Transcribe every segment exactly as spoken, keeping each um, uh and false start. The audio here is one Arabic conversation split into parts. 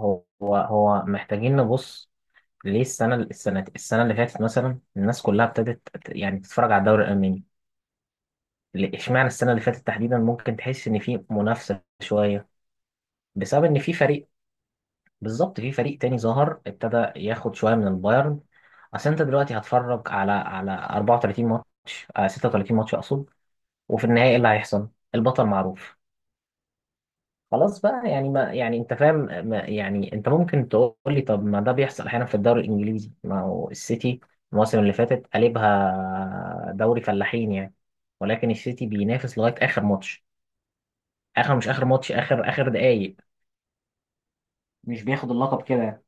هو هو محتاجين نبص. ليه السنة السنة السنة اللي فاتت مثلا الناس كلها ابتدت ت- يعني تتفرج على الدوري الألماني؟ ليه- اشمعنى السنة اللي فاتت تحديدا ممكن تحس إن في منافسة شوية. بسبب إن في فريق، بالظبط في فريق تاني ظهر ابتدى ياخد شوية من البايرن. أصل أنت دلوقتي هتفرج على على أربعة وثلاثين ماتش، آه، ستة وثلاثين ماتش أقصد، وفي النهاية إيه اللي هيحصل؟ البطل معروف. خلاص بقى يعني، ما يعني انت فاهم. ما يعني انت ممكن تقول لي طب ما ده بيحصل احيانا في الدوري الانجليزي، ما هو السيتي المواسم اللي فاتت قلبها دوري فلاحين يعني. ولكن السيتي بينافس لغايه اخر ماتش، اخر، مش اخر ماتش، اخر اخر دقايق. مش بياخد اللقب كده يعني.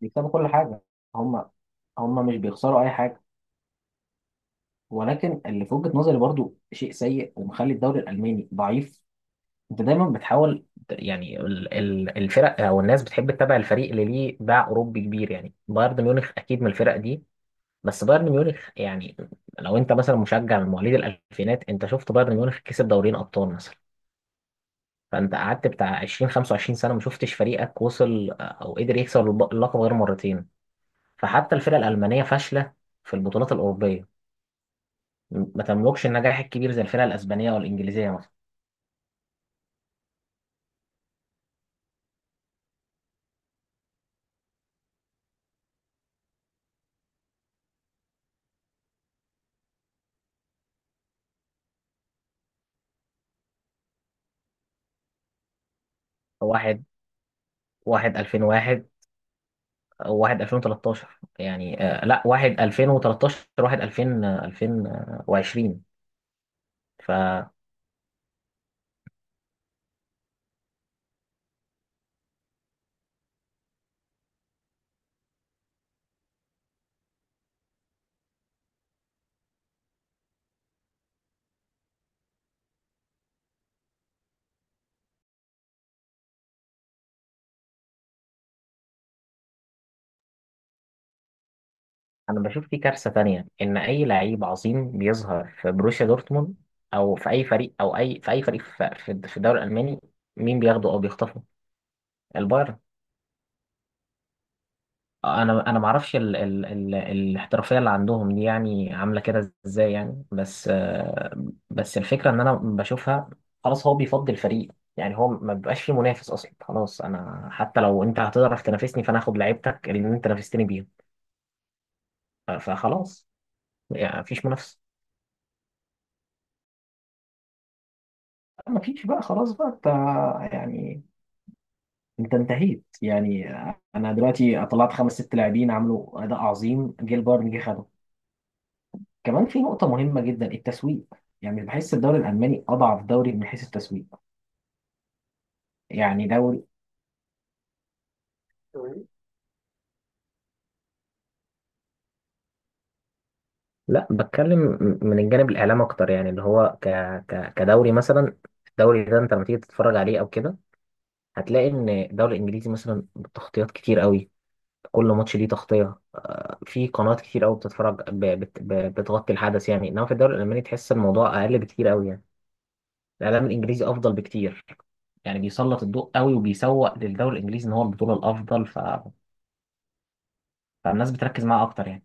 بيكسبوا كل حاجه. هم هم مش بيخسروا اي حاجه. ولكن اللي في وجهه نظري برضو شيء سيء ومخلي الدوري الالماني ضعيف. انت دايما بتحاول، يعني ال- ال- الفرق او الناس بتحب تتابع الفريق اللي ليه باع اوروبي كبير، يعني بايرن ميونخ اكيد من الفرق دي. بس بايرن ميونخ يعني، لو انت مثلا مشجع من مواليد الالفينات، انت شفت بايرن ميونخ كسب دورين ابطال مثلا. فانت قعدت بتاع عشرين خمسة وعشرين سنه ما شفتش فريقك وصل، آه، او قدر يكسب الب- اللقب غير مرتين. فحتى الفرق الالمانيه فاشله في البطولات الاوروبيه، ما تملكش النجاح الكبير زي الفرق الاسبانيه والانجليزيه مثلا. واحد، واحد ألفين وواحد، واحد ألفين وتلتاشر، يعني آه، لا، واحد ألفين وتلتاشر، واحد ألفين، آه، ألفين وعشرين. فانا بشوف في كارثه تانية، ان اي لعيب عظيم بيظهر في بروسيا دورتموند او في اي فريق، او اي، في اي فريق في في الدوري الالماني، مين بياخده او بيخطفه؟ البايرن. انا انا ما اعرفش ال... ال... ال... الاحترافيه اللي عندهم دي يعني عامله كده ازاي يعني، بس آه، بس الفكره ان انا بشوفها، خلاص هو بيفضي الفريق. يعني هو ما بيبقاش فيه منافس اصلا. خلاص انا حتى لو انت هتعرف تنافسني، فانا هاخد لعيبتك اللي انت نافستني بيهم. ف- فخلاص، يعني مفيش منافسه. مفيش بقى، خلاص بقى انت، يعني انت انتهيت يعني. انا دلوقتي طلعت خمس ست لاعبين عملوا اداء عظيم، جه البايرن جه خدهم. كمان في نقطة مهمة جدا، التسويق. يعني بحس الدوري الألماني أضعف دوري من حيث التسويق. يعني دوري، لا بتكلم م- من الجانب الاعلام اكتر، يعني اللي هو ك... ك... كدوري مثلا. الدوري ده انت لما تيجي تتفرج عليه او كده، هتلاقي ان الدوري الانجليزي مثلا تغطيات كتير قوي، كل ماتش ليه تغطيه. في قنوات كتير قوي بتتفرج ب... بت... ب... بتغطي الحدث يعني. انما في الدوري الالماني تحس الموضوع اقل بكتير قوي يعني. الاعلام الانجليزي افضل بكتير، يعني بيسلط الضوء قوي وبيسوق للدوري الانجليزي ان هو البطوله الافضل، فالناس بتركز معاه اكتر يعني.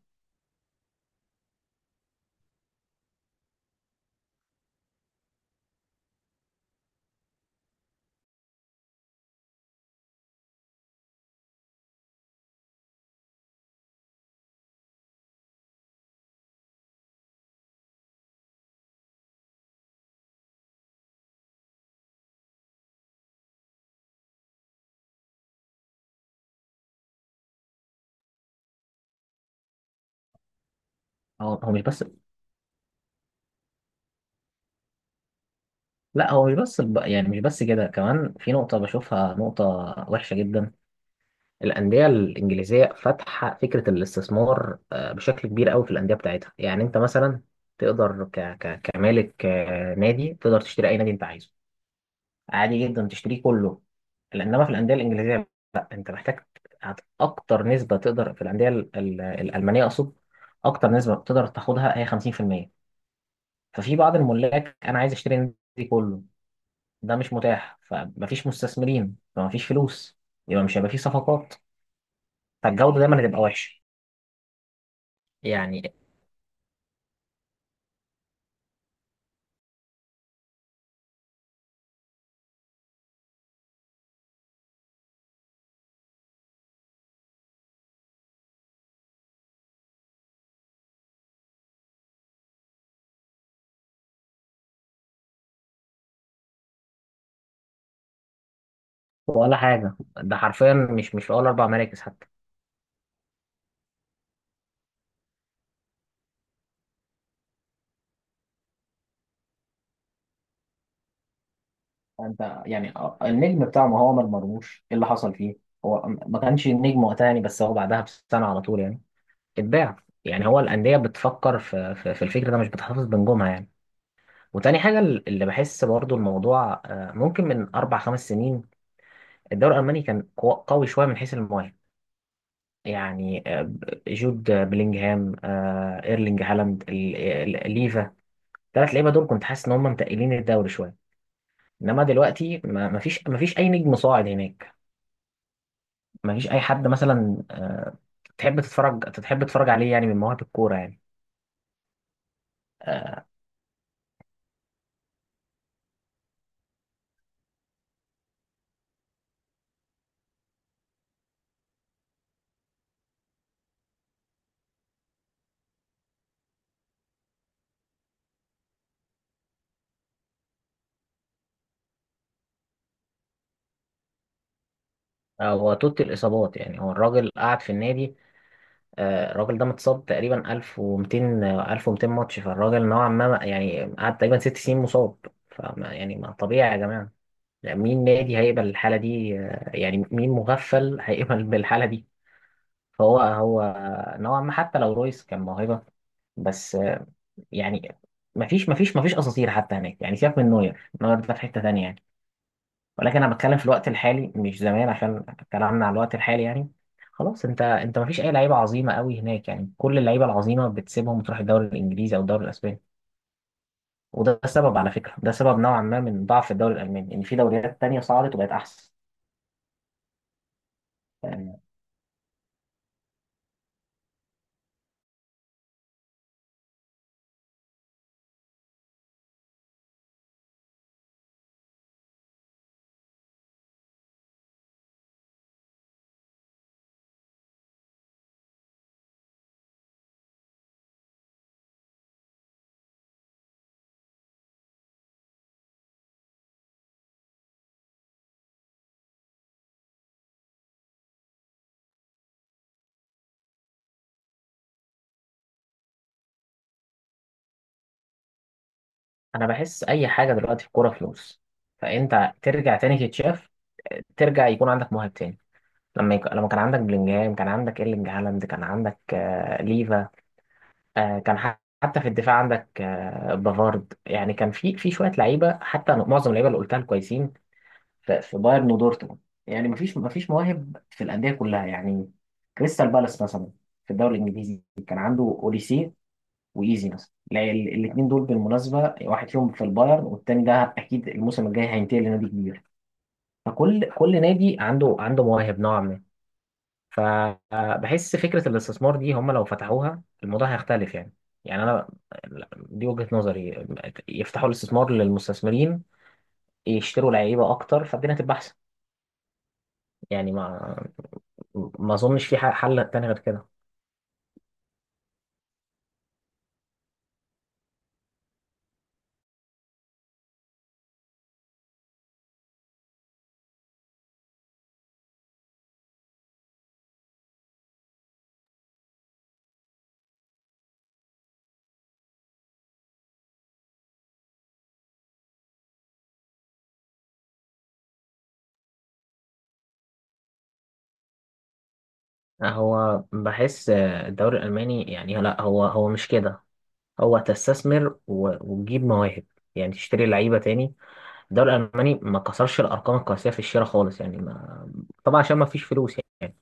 هو هو مش بس، لا هو مش بس الب- يعني مش بس كده، كمان في نقطة بشوفها نقطة وحشة جدا. الأندية الإنجليزية فاتحة فكرة الاستثمار، آه، بشكل كبير قوي في الأندية بتاعتها. يعني أنت مثلا تقدر ك... ك... كمالك، آه، نادي تقدر تشتري أي نادي أنت عايزه، عادي جدا تشتريه كله. إنما في الأندية الإنجليزية، لا أنت محتاج، هت- أكتر نسبة تقدر في الأندية ال- ال- الألمانية أقصد، أكتر نسبة تقدر تاخدها هي خمسين في المية. ففي بعض الملاك انا عايز اشتري النادي كله، ده مش متاح، فمفيش مستثمرين، فمفيش فلوس، يبقى مش هيبقى فيه صفقات، فالجوده دايما هتبقى وحشه يعني. ولا حاجه، ده حرفيا مش، مش في اول اربع مراكز حتى. انت يعني، النجم بتاعه ما هو ما مرموش، ايه اللي حصل فيه؟ هو ما كانش النجم وقتها يعني، بس هو بعدها بسنه على طول يعني اتباع. يعني هو الانديه بتفكر في في, في الفكر ده، مش بتحتفظ بنجومها يعني. وتاني حاجه اللي بحس برضو الموضوع، آه، ممكن من اربع خمس سنين الدوري الألماني كان قو- قوي شوية من حيث المواهب. يعني آه، جود، آه، بلينجهام، آه، إيرلينج هالاند، ال- ال- ليفا. الثلاث لعيبة دول كنت حاسس إن هم متقلين الدوري شوية. إنما دلوقتي ما ما فيش، ما فيش أي نجم صاعد هناك. ما فيش أي حد مثلا، آه، تحب تتفرج تحب تتفرج عليه يعني من مواهب الكورة يعني. آه، هو توت الإصابات يعني، هو الراجل قعد في النادي، آه، الراجل ده متصاب تقريبا ألف ومئتين، آه، ألف ومئتين ماتش. فالراجل نوعا ما يعني قعد تقريبا ست سنين مصاب. فما يعني، ما طبيعي يا جماعة، يعني مين نادي هيقبل الحالة دي؟ آه، يعني مين مغفل هيقبل بالحالة دي؟ فهو هو، آه، نوعا ما حتى لو رويس كان موهبة، بس آه، يعني مفيش مفيش مفيش أساطير حتى هناك يعني. سيبك من نوير، نوير ده في حتة تانية يعني. ولكن أنا بتكلم في الوقت الحالي مش زمان، عشان كلامنا على الوقت الحالي يعني. خلاص، انت انت مفيش اي لعيبه عظيمه قوي هناك يعني، كل اللعيبه العظيمه بتسيبهم وتروح الدوري الانجليزي او الدوري الاسباني. وده سبب، على فكره ده سبب نوعا ما من ضعف الدوري الالماني، ان في دوريات تانية صعدت وبقت احسن. انا بحس اي حاجه دلوقتي في الكوره فلوس، فانت ترجع تاني تتشاف، ترجع يكون عندك مواهب تاني. لما يك... لما كان عندك بلينجهام، كان عندك ايرلينج هالاند، كان عندك آه... ليفا، آه... كان ح... حتى في الدفاع عندك آه... بافارد. يعني كان في في شويه لعيبه، حتى معظم اللعيبه اللي قلتها كويسين في في بايرن ودورتموند. يعني مفيش مفيش مواهب في الانديه كلها يعني. كريستال بالاس مثلا في الدوري الانجليزي كان عنده اوليسي وايزي مثلا، الاثنين دول بالمناسبه واحد فيهم في البايرن والتاني ده اكيد الموسم الجاي هينتقل لنادي كبير. فكل كل نادي عنده عنده مواهب نوعا ما. فبحس فكره الاستثمار دي، هم لو فتحوها الموضوع هيختلف يعني. يعني انا، دي وجهه نظري، يفتحوا الاستثمار للمستثمرين، يشتروا لعيبه اكتر، فالدنيا هتبقى احسن. يعني ما ما اظنش في حل تاني غير كده. هو بحس الدوري الالماني يعني، لا هو هو مش كده، هو تستثمر و- وتجيب مواهب، يعني تشتري لعيبه تاني. الدوري الالماني ما كسرش الارقام القياسيه في الشراء خالص يعني، ما طبعا عشان ما فيش فلوس يعني.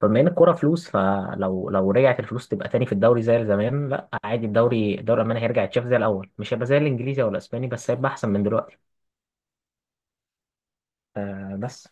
فبما ان الكوره فلوس، فلو لو رجعت الفلوس تبقى تاني في الدوري زي زمان، لا عادي، الدوري، الدوري الالماني هيرجع يتشاف زي الاول، مش هيبقى زي الانجليزي او الاسباني، بس هيبقى احسن من دلوقتي. آه بس